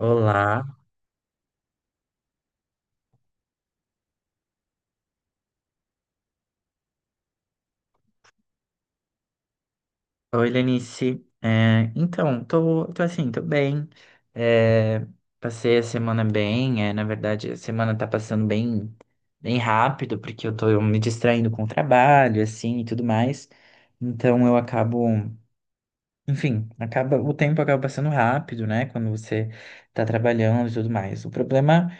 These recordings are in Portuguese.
Olá, oi Lenice. Então, tô assim, tô bem. É, Passei a semana bem. Na verdade, a semana tá passando bem, bem rápido, porque eu tô me distraindo com o trabalho, assim, e tudo mais. Então enfim, o tempo acaba passando rápido, né? Quando você tá trabalhando e tudo mais. O problema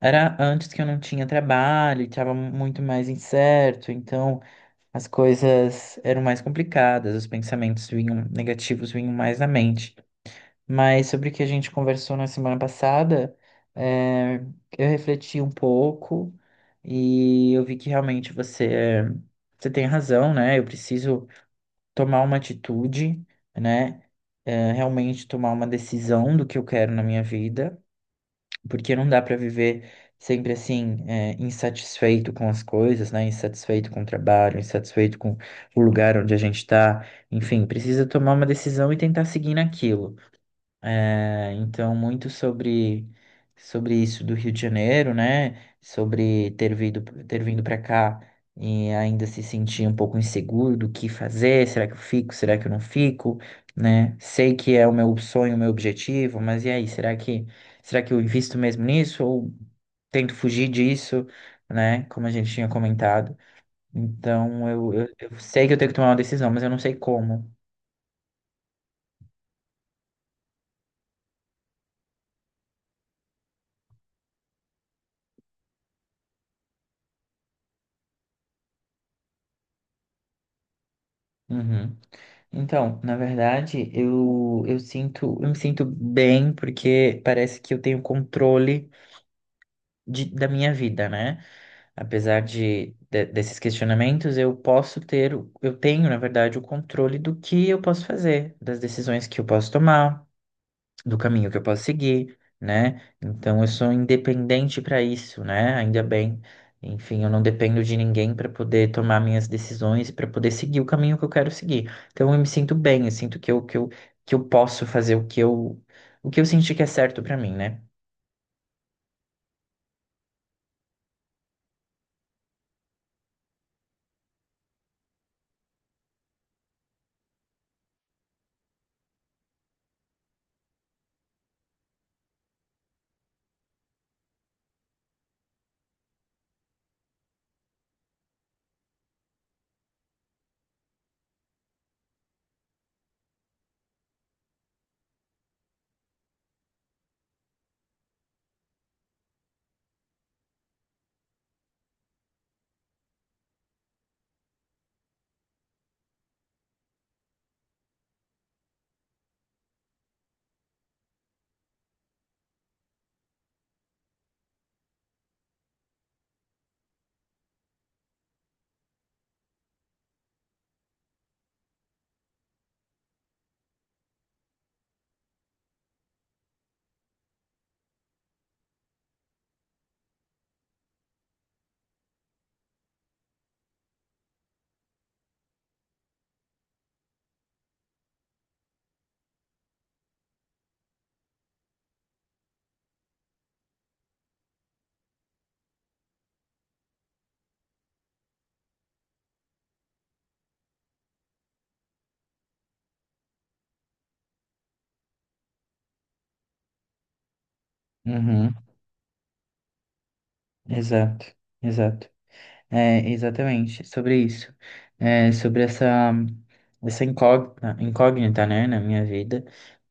era antes que eu não tinha trabalho, e tava muito mais incerto, então, as coisas eram mais complicadas, os pensamentos vinham negativos vinham mais na mente. Mas sobre o que a gente conversou na semana passada, é, eu refleti um pouco e eu vi que realmente você tem razão, né? Eu preciso tomar uma atitude, né? Realmente tomar uma decisão do que eu quero na minha vida, porque não dá para viver sempre assim, é, insatisfeito com as coisas, né? Insatisfeito com o trabalho, insatisfeito com o lugar onde a gente está. Enfim, precisa tomar uma decisão e tentar seguir naquilo. É, então, muito sobre isso do Rio de Janeiro, né? Sobre ter vindo para cá e ainda se sentir um pouco inseguro do que fazer, será que eu fico, será que eu não fico, né? Sei que é o meu sonho, o meu objetivo, mas e aí, será que eu invisto mesmo nisso ou tento fugir disso, né? Como a gente tinha comentado. Então, eu sei que eu tenho que tomar uma decisão, mas eu não sei como. Uhum. Então, na verdade, eu me sinto bem porque parece que eu tenho controle da minha vida, né? Apesar desses questionamentos, eu tenho, na verdade, o controle do que eu posso fazer, das decisões que eu posso tomar, do caminho que eu posso seguir, né? Então eu sou independente para isso, né? Ainda bem. Enfim, eu não dependo de ninguém para poder tomar minhas decisões, para poder seguir o caminho que eu quero seguir. Então eu me sinto bem, eu sinto que eu posso fazer o que eu senti que é certo para mim, né? Uhum, exato, exato. É, exatamente, sobre isso. Sobre essa incógnita, né, na minha vida.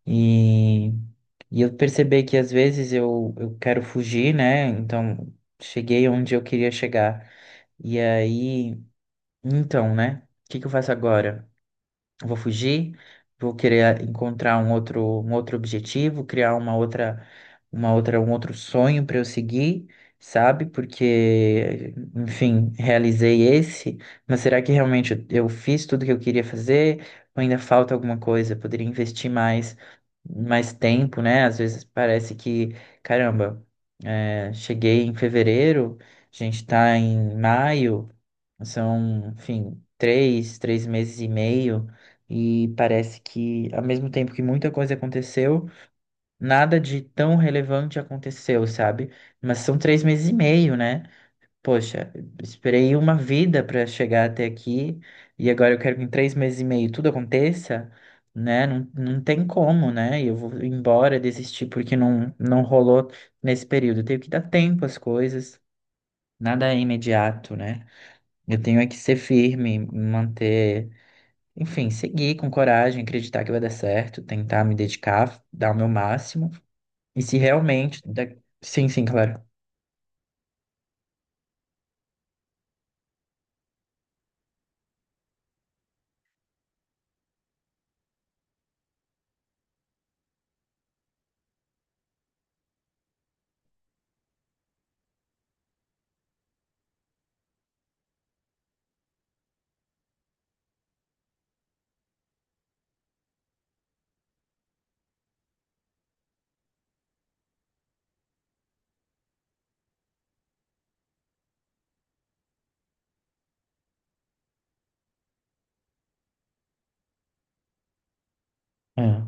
E, e eu percebi que às vezes eu quero fugir, né? Então, cheguei onde eu queria chegar. E aí, então, né? O que que eu faço agora? Vou fugir, vou querer ah, encontrar um outro objetivo, criar um outro sonho para eu seguir, sabe? Porque, enfim, realizei esse, mas será que realmente eu fiz tudo que eu queria fazer? Ou ainda falta alguma coisa? Eu poderia investir mais, mais tempo, né? Às vezes parece que, caramba, cheguei em fevereiro, a gente está em maio. São, enfim, três meses e meio, e parece que, ao mesmo tempo que muita coisa aconteceu, nada de tão relevante aconteceu, sabe? Mas são 3 meses e meio, né? Poxa, esperei uma vida para chegar até aqui, e agora eu quero que em 3 meses e meio tudo aconteça, né? Não, não tem como, né? E eu vou embora, desistir porque não, não rolou nesse período. Eu tenho que dar tempo às coisas, nada é imediato, né? Eu tenho é que ser firme, manter, enfim, seguir com coragem, acreditar que vai dar certo, tentar me dedicar, dar o meu máximo. E se realmente. Sim, sim, claro. É.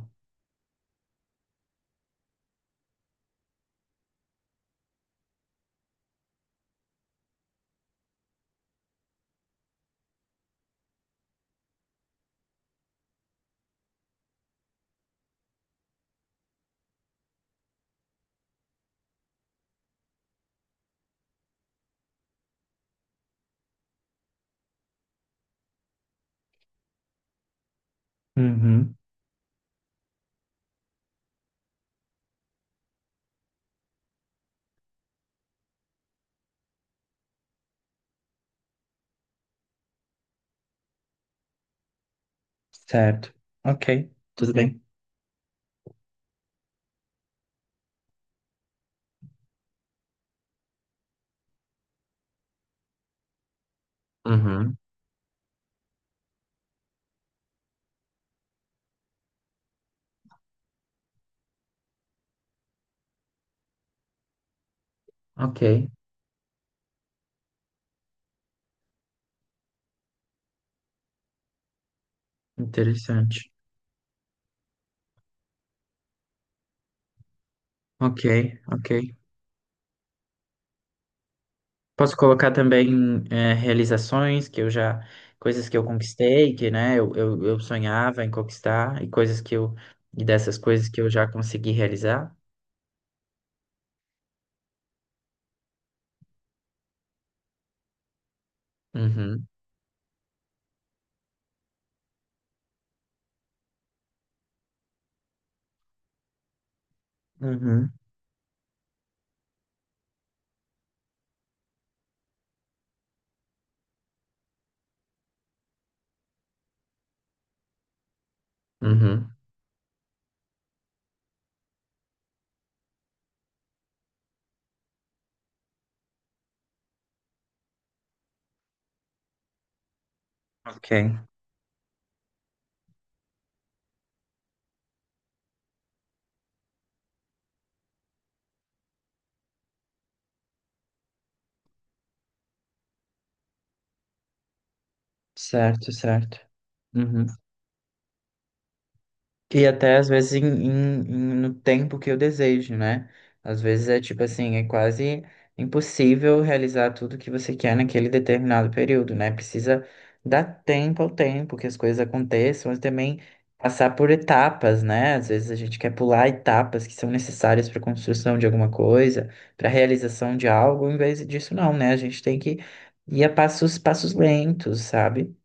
Uhum. Certo. Ok. Tudo bem. Uhum. Ok. Interessante. Ok, ok. Posso colocar também é, realizações que eu já. Coisas que eu conquistei, que, né, eu sonhava em conquistar, e coisas que eu. E dessas coisas que eu já consegui realizar. Uhum. Uhum, uhum. Ok, certo, certo. Uhum. E até às vezes no tempo que eu desejo, né? Às vezes é tipo assim, é quase impossível realizar tudo que você quer naquele determinado período, né? Precisa dar tempo ao tempo que as coisas aconteçam, mas também passar por etapas, né? Às vezes a gente quer pular etapas que são necessárias para a construção de alguma coisa, para a realização de algo, em vez disso não, né? A gente tem que ir a passos, passos lentos, sabe?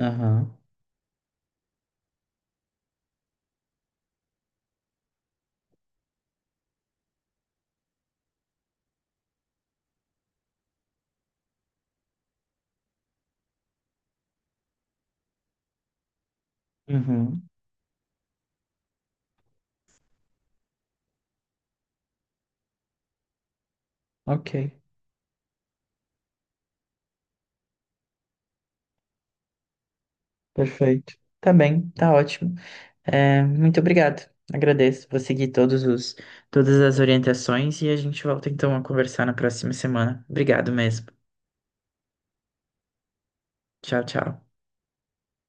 Aham. Uhum. Ok. Perfeito. Tá bem, tá ótimo. É, muito obrigado. Agradeço. Vou seguir todas as orientações e a gente volta então a conversar na próxima semana. Obrigado mesmo. Tchau, tchau.